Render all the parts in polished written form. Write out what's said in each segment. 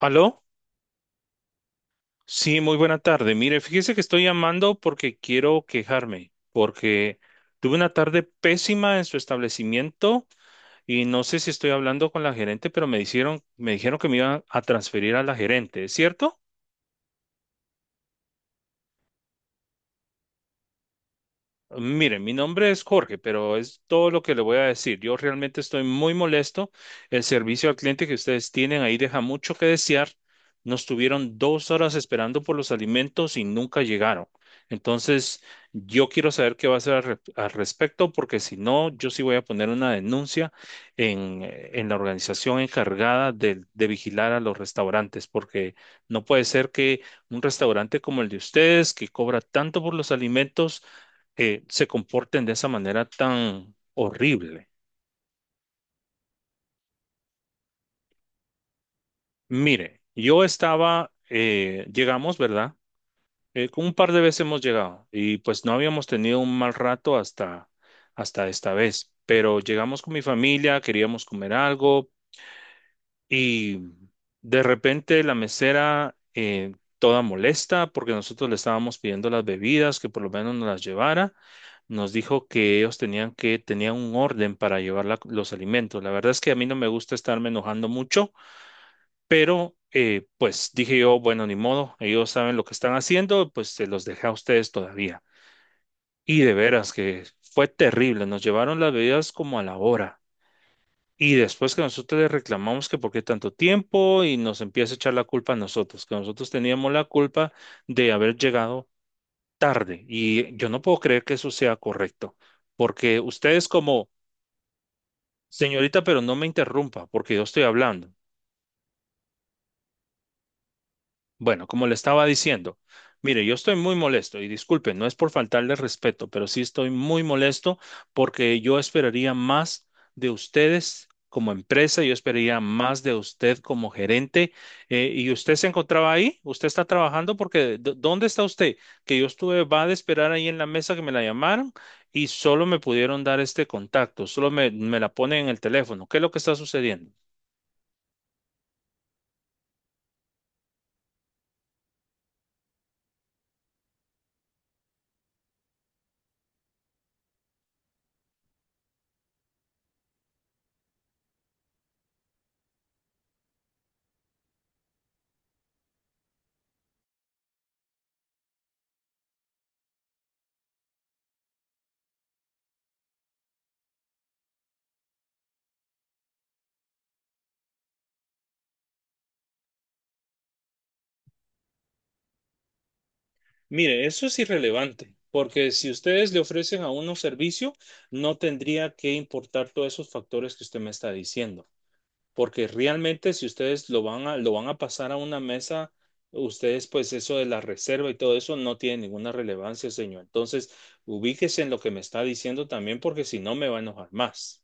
¿Aló? Sí, muy buena tarde. Mire, fíjese que estoy llamando porque quiero quejarme, porque tuve una tarde pésima en su establecimiento y no sé si estoy hablando con la gerente, pero me dijeron que me iban a transferir a la gerente, ¿es cierto? Mire, mi nombre es Jorge, pero es todo lo que le voy a decir. Yo realmente estoy muy molesto. El servicio al cliente que ustedes tienen ahí deja mucho que desear. Nos tuvieron 2 horas esperando por los alimentos y nunca llegaron. Entonces, yo quiero saber qué va a hacer al respecto, porque si no, yo sí voy a poner una denuncia en, en la organización encargada de vigilar a los restaurantes, porque no puede ser que un restaurante como el de ustedes, que cobra tanto por los alimentos, se comporten de esa manera tan horrible. Mire, llegamos, ¿verdad? Con un par de veces hemos llegado y pues no habíamos tenido un mal rato hasta esta vez, pero llegamos con mi familia, queríamos comer algo. Y de repente la mesera, toda molesta, porque nosotros le estábamos pidiendo las bebidas, que por lo menos nos las llevara, nos dijo que ellos tenían un orden para llevar los alimentos. La verdad es que a mí no me gusta estarme enojando mucho, pero pues dije yo, bueno, ni modo, ellos saben lo que están haciendo, pues se los dejé a ustedes todavía. Y de veras que fue terrible, nos llevaron las bebidas como a la hora. Y después que nosotros le reclamamos que por qué tanto tiempo y nos empieza a echar la culpa a nosotros, que nosotros teníamos la culpa de haber llegado tarde. Y yo no puedo creer que eso sea correcto, porque señorita, pero no me interrumpa, porque yo estoy hablando. Bueno, como le estaba diciendo, mire, yo estoy muy molesto y disculpe, no es por faltarle respeto, pero sí estoy muy molesto porque yo esperaría más de ustedes como empresa, yo esperaría más de usted como gerente. ¿Y usted se encontraba ahí? ¿Usted está trabajando? Porque ¿dónde está usted? Que yo estuve, va de esperar ahí en la mesa que me la llamaron y solo me pudieron dar este contacto, solo me la ponen en el teléfono. ¿Qué es lo que está sucediendo? Mire, eso es irrelevante, porque si ustedes le ofrecen a uno servicio, no tendría que importar todos esos factores que usted me está diciendo, porque realmente si ustedes lo van a pasar a una mesa, ustedes pues eso de la reserva y todo eso no tiene ninguna relevancia, señor. Entonces, ubíquese en lo que me está diciendo también, porque si no me va a enojar más.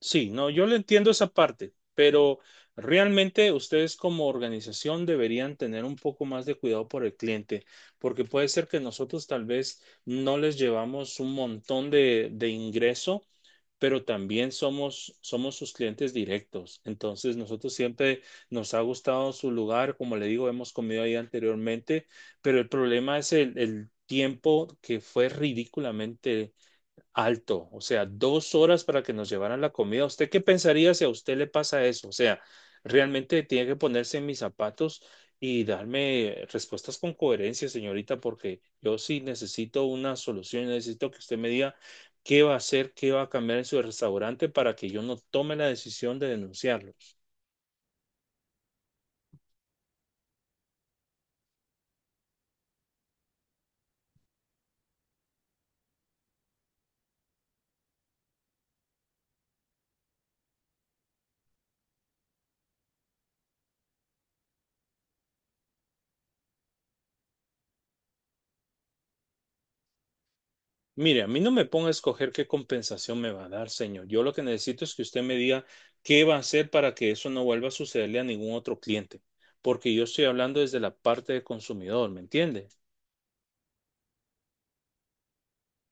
Sí, no, yo le entiendo esa parte, pero realmente ustedes como organización deberían tener un poco más de cuidado por el cliente, porque puede ser que nosotros tal vez no les llevamos un montón de ingreso, pero también somos sus clientes directos. Entonces, nosotros siempre nos ha gustado su lugar, como le digo, hemos comido ahí anteriormente, pero el problema es el tiempo que fue ridículamente alto, o sea, 2 horas para que nos llevaran la comida. ¿Usted qué pensaría si a usted le pasa eso? O sea, realmente tiene que ponerse en mis zapatos y darme respuestas con coherencia, señorita, porque yo sí necesito una solución, necesito que usted me diga qué va a hacer, qué va a cambiar en su restaurante para que yo no tome la decisión de denunciarlos. Mire, a mí no me ponga a escoger qué compensación me va a dar, señor. Yo lo que necesito es que usted me diga qué va a hacer para que eso no vuelva a sucederle a ningún otro cliente, porque yo estoy hablando desde la parte de consumidor, ¿me entiende?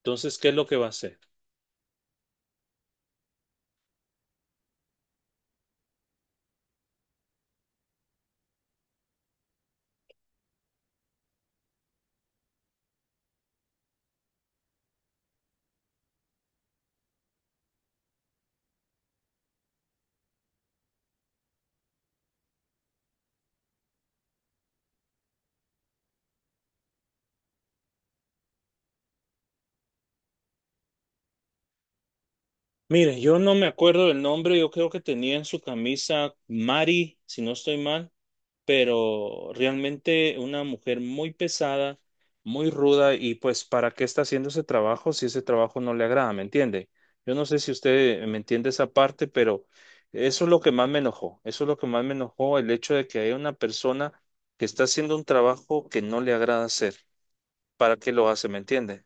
Entonces, ¿qué es lo que va a hacer? Mire, yo no me acuerdo del nombre, yo creo que tenía en su camisa Mari, si no estoy mal. Pero realmente una mujer muy pesada, muy ruda y pues ¿para qué está haciendo ese trabajo si ese trabajo no le agrada? ¿Me entiende? Yo no sé si usted me entiende esa parte, pero eso es lo que más me enojó, eso es lo que más me enojó, el hecho de que haya una persona que está haciendo un trabajo que no le agrada hacer. ¿Para qué lo hace? ¿Me entiende?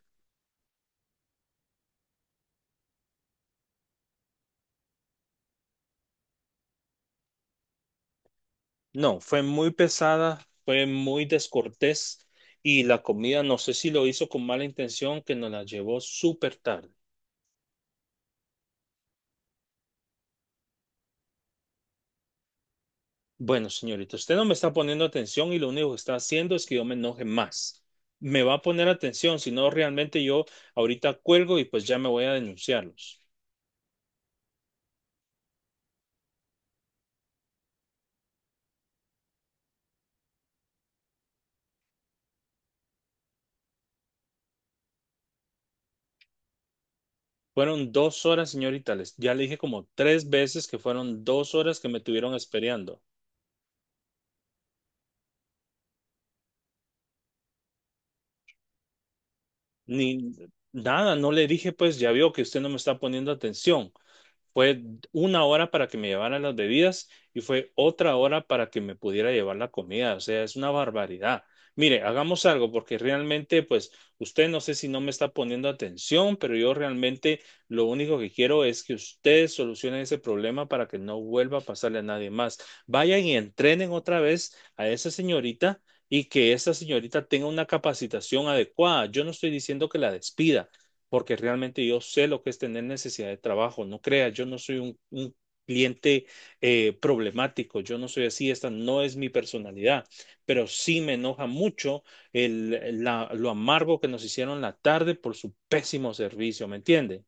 No, fue muy pesada, fue muy descortés y la comida, no sé si lo hizo con mala intención, que nos la llevó súper tarde. Bueno, señorita, usted no me está poniendo atención y lo único que está haciendo es que yo me enoje más. Me va a poner atención, si no, realmente yo ahorita cuelgo y pues ya me voy a denunciarlos. Fueron 2 horas, señorita, les, ya le dije como 3 veces que fueron 2 horas que me tuvieron esperando. Ni nada, no le dije, pues ya vio que usted no me está poniendo atención. Fue 1 hora para que me llevaran las bebidas y fue otra hora para que me pudiera llevar la comida. O sea, es una barbaridad. Mire, hagamos algo porque realmente, pues, usted no sé si no me está poniendo atención, pero yo realmente lo único que quiero es que usted solucione ese problema para que no vuelva a pasarle a nadie más. Vayan y entrenen otra vez a esa señorita y que esa señorita tenga una capacitación adecuada. Yo no estoy diciendo que la despida porque realmente yo sé lo que es tener necesidad de trabajo. No creas, yo no soy un cliente problemático, yo no soy así, esta no es mi personalidad, pero sí me enoja mucho lo amargo que nos hicieron la tarde por su pésimo servicio, ¿me entiende?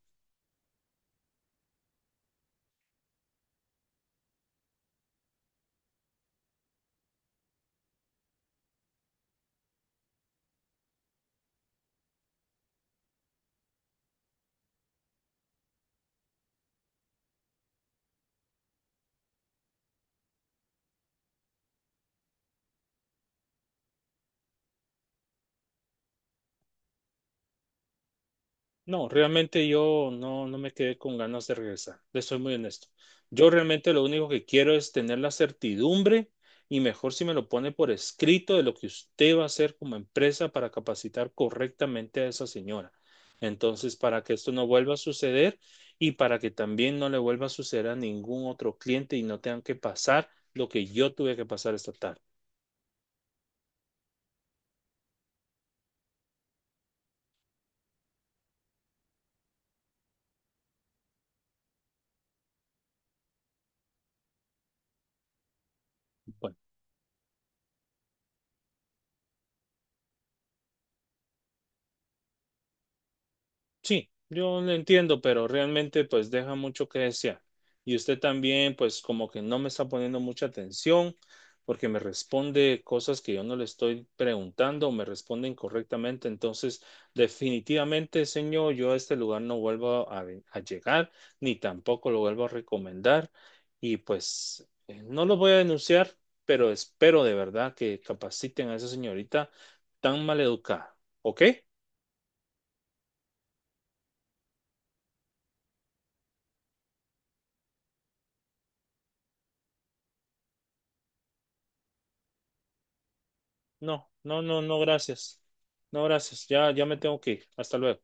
No, realmente yo no, no me quedé con ganas de regresar, le soy muy honesto. Yo realmente lo único que quiero es tener la certidumbre y mejor si me lo pone por escrito de lo que usted va a hacer como empresa para capacitar correctamente a esa señora. Entonces, para que esto no vuelva a suceder y para que también no le vuelva a suceder a ningún otro cliente y no tengan que pasar lo que yo tuve que pasar esta tarde. Bueno. Sí, yo lo entiendo, pero realmente pues deja mucho que desear. Y usted también pues como que no me está poniendo mucha atención porque me responde cosas que yo no le estoy preguntando o me responde incorrectamente. Entonces, definitivamente, señor, yo a este lugar no vuelvo a llegar ni tampoco lo vuelvo a recomendar. Y pues no lo voy a denunciar, pero espero de verdad que capaciten a esa señorita tan maleducada. ¿Ok? No, no, no, no, gracias. No, gracias. Ya me tengo que ir. Hasta luego.